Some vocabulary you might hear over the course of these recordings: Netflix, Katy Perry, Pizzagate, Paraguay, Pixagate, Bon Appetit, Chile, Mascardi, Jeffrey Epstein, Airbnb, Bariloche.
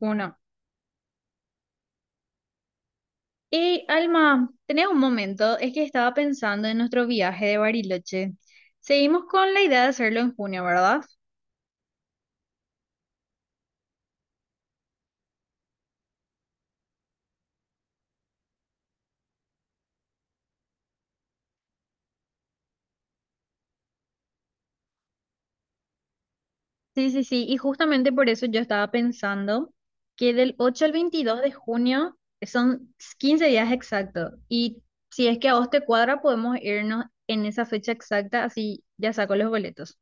Uno. Y Alma, tenés un momento, es que estaba pensando en nuestro viaje de Bariloche. Seguimos con la idea de hacerlo en junio, ¿verdad? Sí, sí, sí, y justamente por eso yo estaba pensando que del 8 al 22 de junio son 15 días exactos. Y si es que a vos te cuadra, podemos irnos en esa fecha exacta, así ya saco los boletos.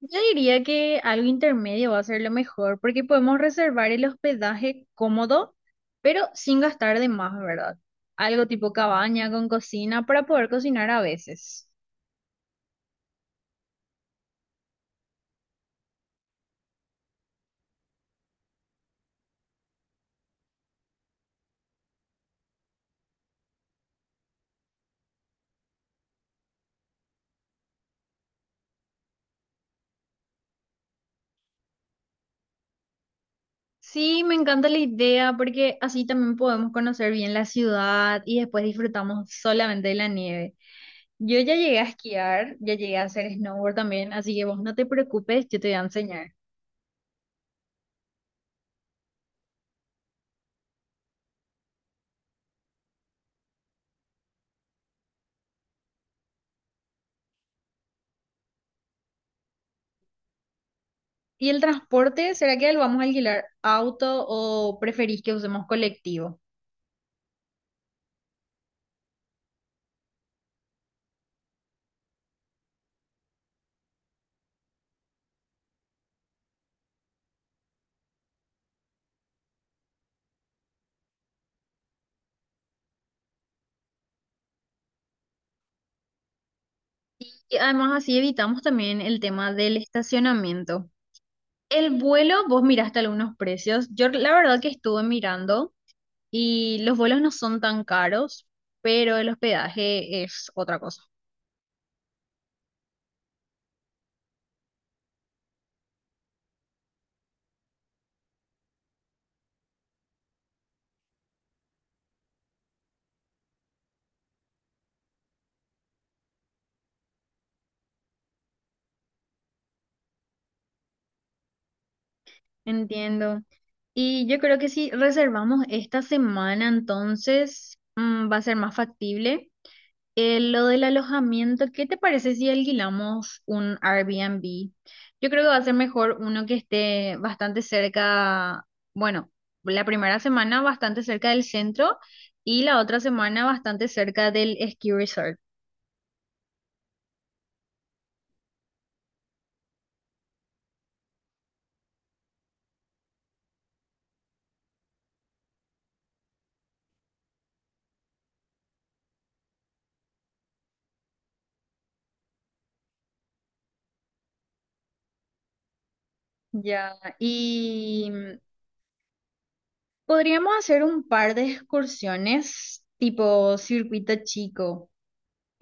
Yo diría que algo intermedio va a ser lo mejor, porque podemos reservar el hospedaje cómodo, pero sin gastar de más, ¿verdad? Algo tipo cabaña con cocina para poder cocinar a veces. Sí, me encanta la idea porque así también podemos conocer bien la ciudad y después disfrutamos solamente de la nieve. Yo ya llegué a esquiar, ya llegué a hacer snowboard también, así que vos no te preocupes, yo te voy a enseñar. ¿Y el transporte? ¿Será que lo vamos a alquilar auto o preferís que usemos colectivo? Y además así evitamos también el tema del estacionamiento. El vuelo, vos miraste algunos precios. Yo la verdad que estuve mirando y los vuelos no son tan caros, pero el hospedaje es otra cosa. Entiendo. Y yo creo que si reservamos esta semana, entonces va a ser más factible. Lo del alojamiento, ¿qué te parece si alquilamos un Airbnb? Yo creo que va a ser mejor uno que esté bastante cerca, bueno, la primera semana bastante cerca del centro y la otra semana bastante cerca del ski resort. Ya, y podríamos hacer un par de excursiones tipo circuito chico.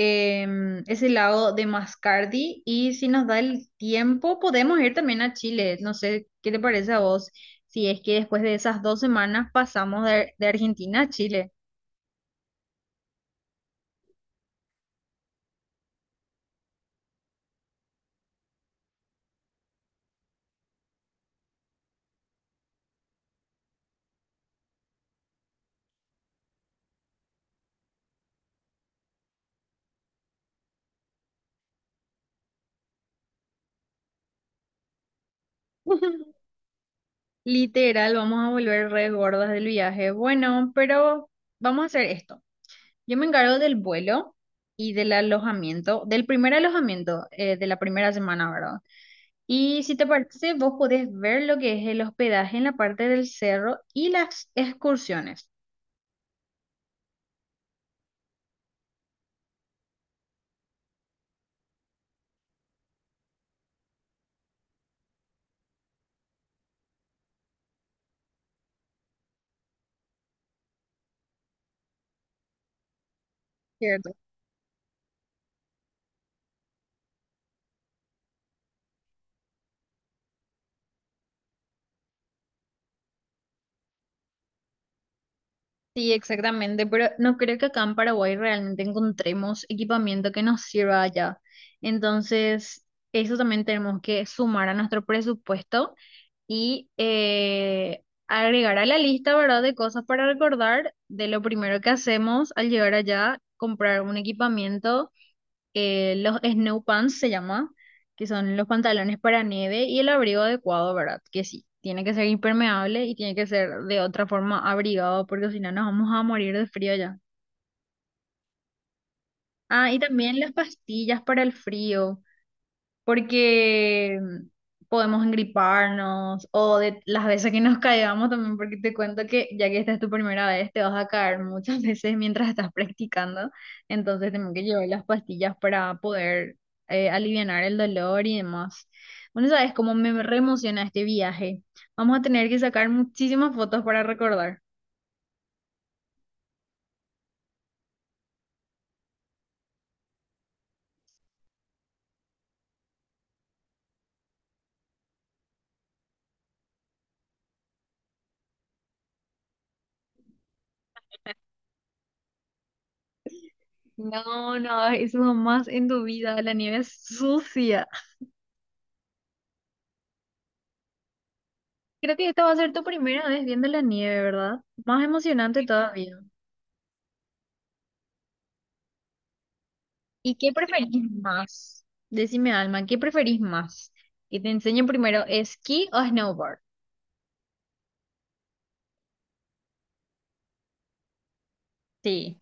Ese lado de Mascardi y si nos da el tiempo podemos ir también a Chile. No sé qué te parece a vos, si es que después de esas dos semanas pasamos de Argentina a Chile. Literal, vamos a volver re gordas del viaje. Bueno, pero vamos a hacer esto. Yo me encargo del vuelo y del alojamiento, del primer alojamiento de la primera semana, ¿verdad? Y si te parece, vos podés ver lo que es el hospedaje en la parte del cerro y las excursiones. Cierto. Sí, exactamente, pero no creo que acá en Paraguay realmente encontremos equipamiento que nos sirva allá. Entonces, eso también tenemos que sumar a nuestro presupuesto y agregar a la lista, ¿verdad?, de cosas para recordar de lo primero que hacemos al llegar allá, comprar un equipamiento los snow pants se llama, que son los pantalones para nieve y el abrigo adecuado, ¿verdad? Que sí, tiene que ser impermeable y tiene que ser de otra forma abrigado porque si no nos vamos a morir de frío ya. Ah, y también las pastillas para el frío, porque podemos engriparnos o de las veces que nos caigamos también, porque te cuento que ya que esta es tu primera vez, te vas a caer muchas veces mientras estás practicando, entonces tengo que llevar las pastillas para poder alivianar el dolor y demás. Bueno, sabes cómo me reemociona este viaje. Vamos a tener que sacar muchísimas fotos para recordar. No, no, eso jamás en tu vida, la nieve es sucia. Creo que esta va a ser tu primera vez viendo la nieve, ¿verdad? Más emocionante todavía. ¿Y qué preferís más? Decime, Alma, ¿qué preferís más? ¿Que te enseñen primero esquí o snowboard? Sí,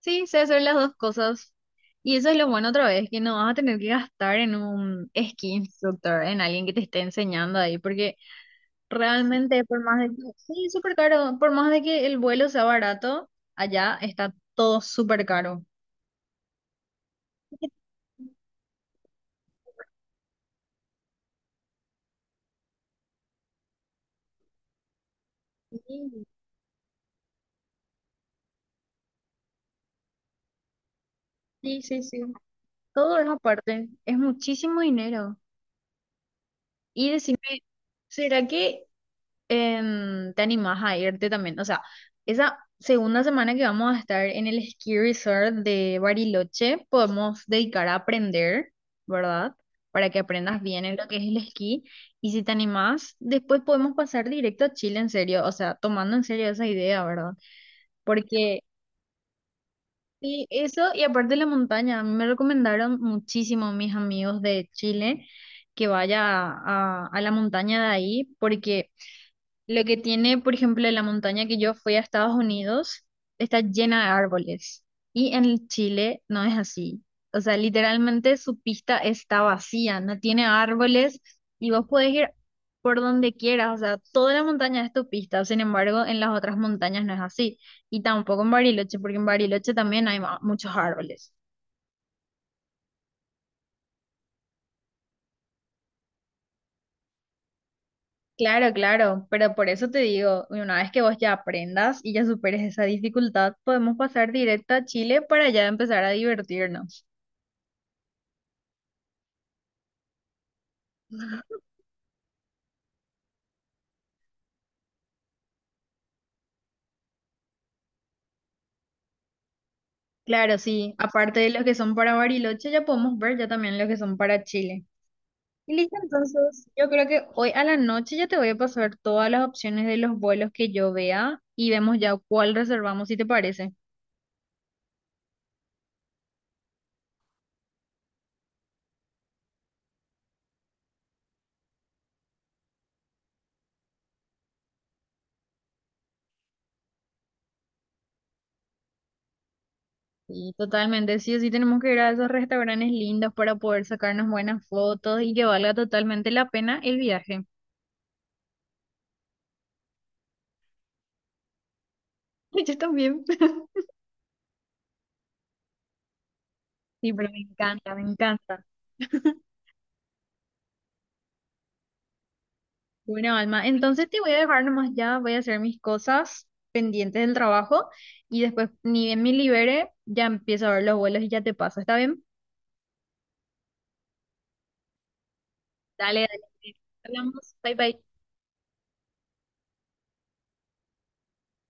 sí, sé hacer las dos cosas. Y eso es lo bueno otra vez, que no vas a tener que gastar en un esquí instructor, en alguien que te esté enseñando ahí, porque realmente por más de que, sí, es súper caro, por más de que el vuelo sea barato, allá está todo súper caro. Sí, sí, sí, sí. Todo es aparte, es muchísimo dinero. Y decime, ¿será que te animás a irte también? O sea, esa segunda semana que vamos a estar en el ski resort de Bariloche, podemos dedicar a aprender, ¿verdad? Para que aprendas bien en lo que es el esquí. Y si te animás, después podemos pasar directo a Chile, en serio. O sea, tomando en serio esa idea, ¿verdad? Porque... Sí, eso, y aparte de la montaña, a mí me recomendaron muchísimo mis amigos de Chile que vaya a la montaña de ahí, porque lo que tiene, por ejemplo, la montaña que yo fui a Estados Unidos está llena de árboles. Y en Chile no es así. O sea, literalmente su pista está vacía, no tiene árboles y vos podés ir por donde quieras. O sea, toda la montaña es tu pista. Sin embargo, en las otras montañas no es así. Y tampoco en Bariloche, porque en Bariloche también hay muchos árboles. Claro, claro, pero por eso te digo, una vez que vos ya aprendas y ya superes esa dificultad, podemos pasar directo a Chile para ya empezar a divertirnos. Claro, sí, aparte de los que son para Bariloche, ya podemos ver ya también los que son para Chile. Y listo, entonces, yo creo que hoy a la noche ya te voy a pasar todas las opciones de los vuelos que yo vea y vemos ya cuál reservamos, si te parece. Sí, totalmente, sí o sí tenemos que ir a esos restaurantes lindos para poder sacarnos buenas fotos y que valga totalmente la pena el viaje. Yo también. Sí, pero me encanta, me encanta. Bueno, Alma, entonces te voy a dejar nomás ya, voy a hacer mis cosas pendientes del trabajo y después, ni bien me libere, ya empiezo a ver los vuelos y ya te paso, ¿está bien? Dale, dale. Hablamos. Bye, bye.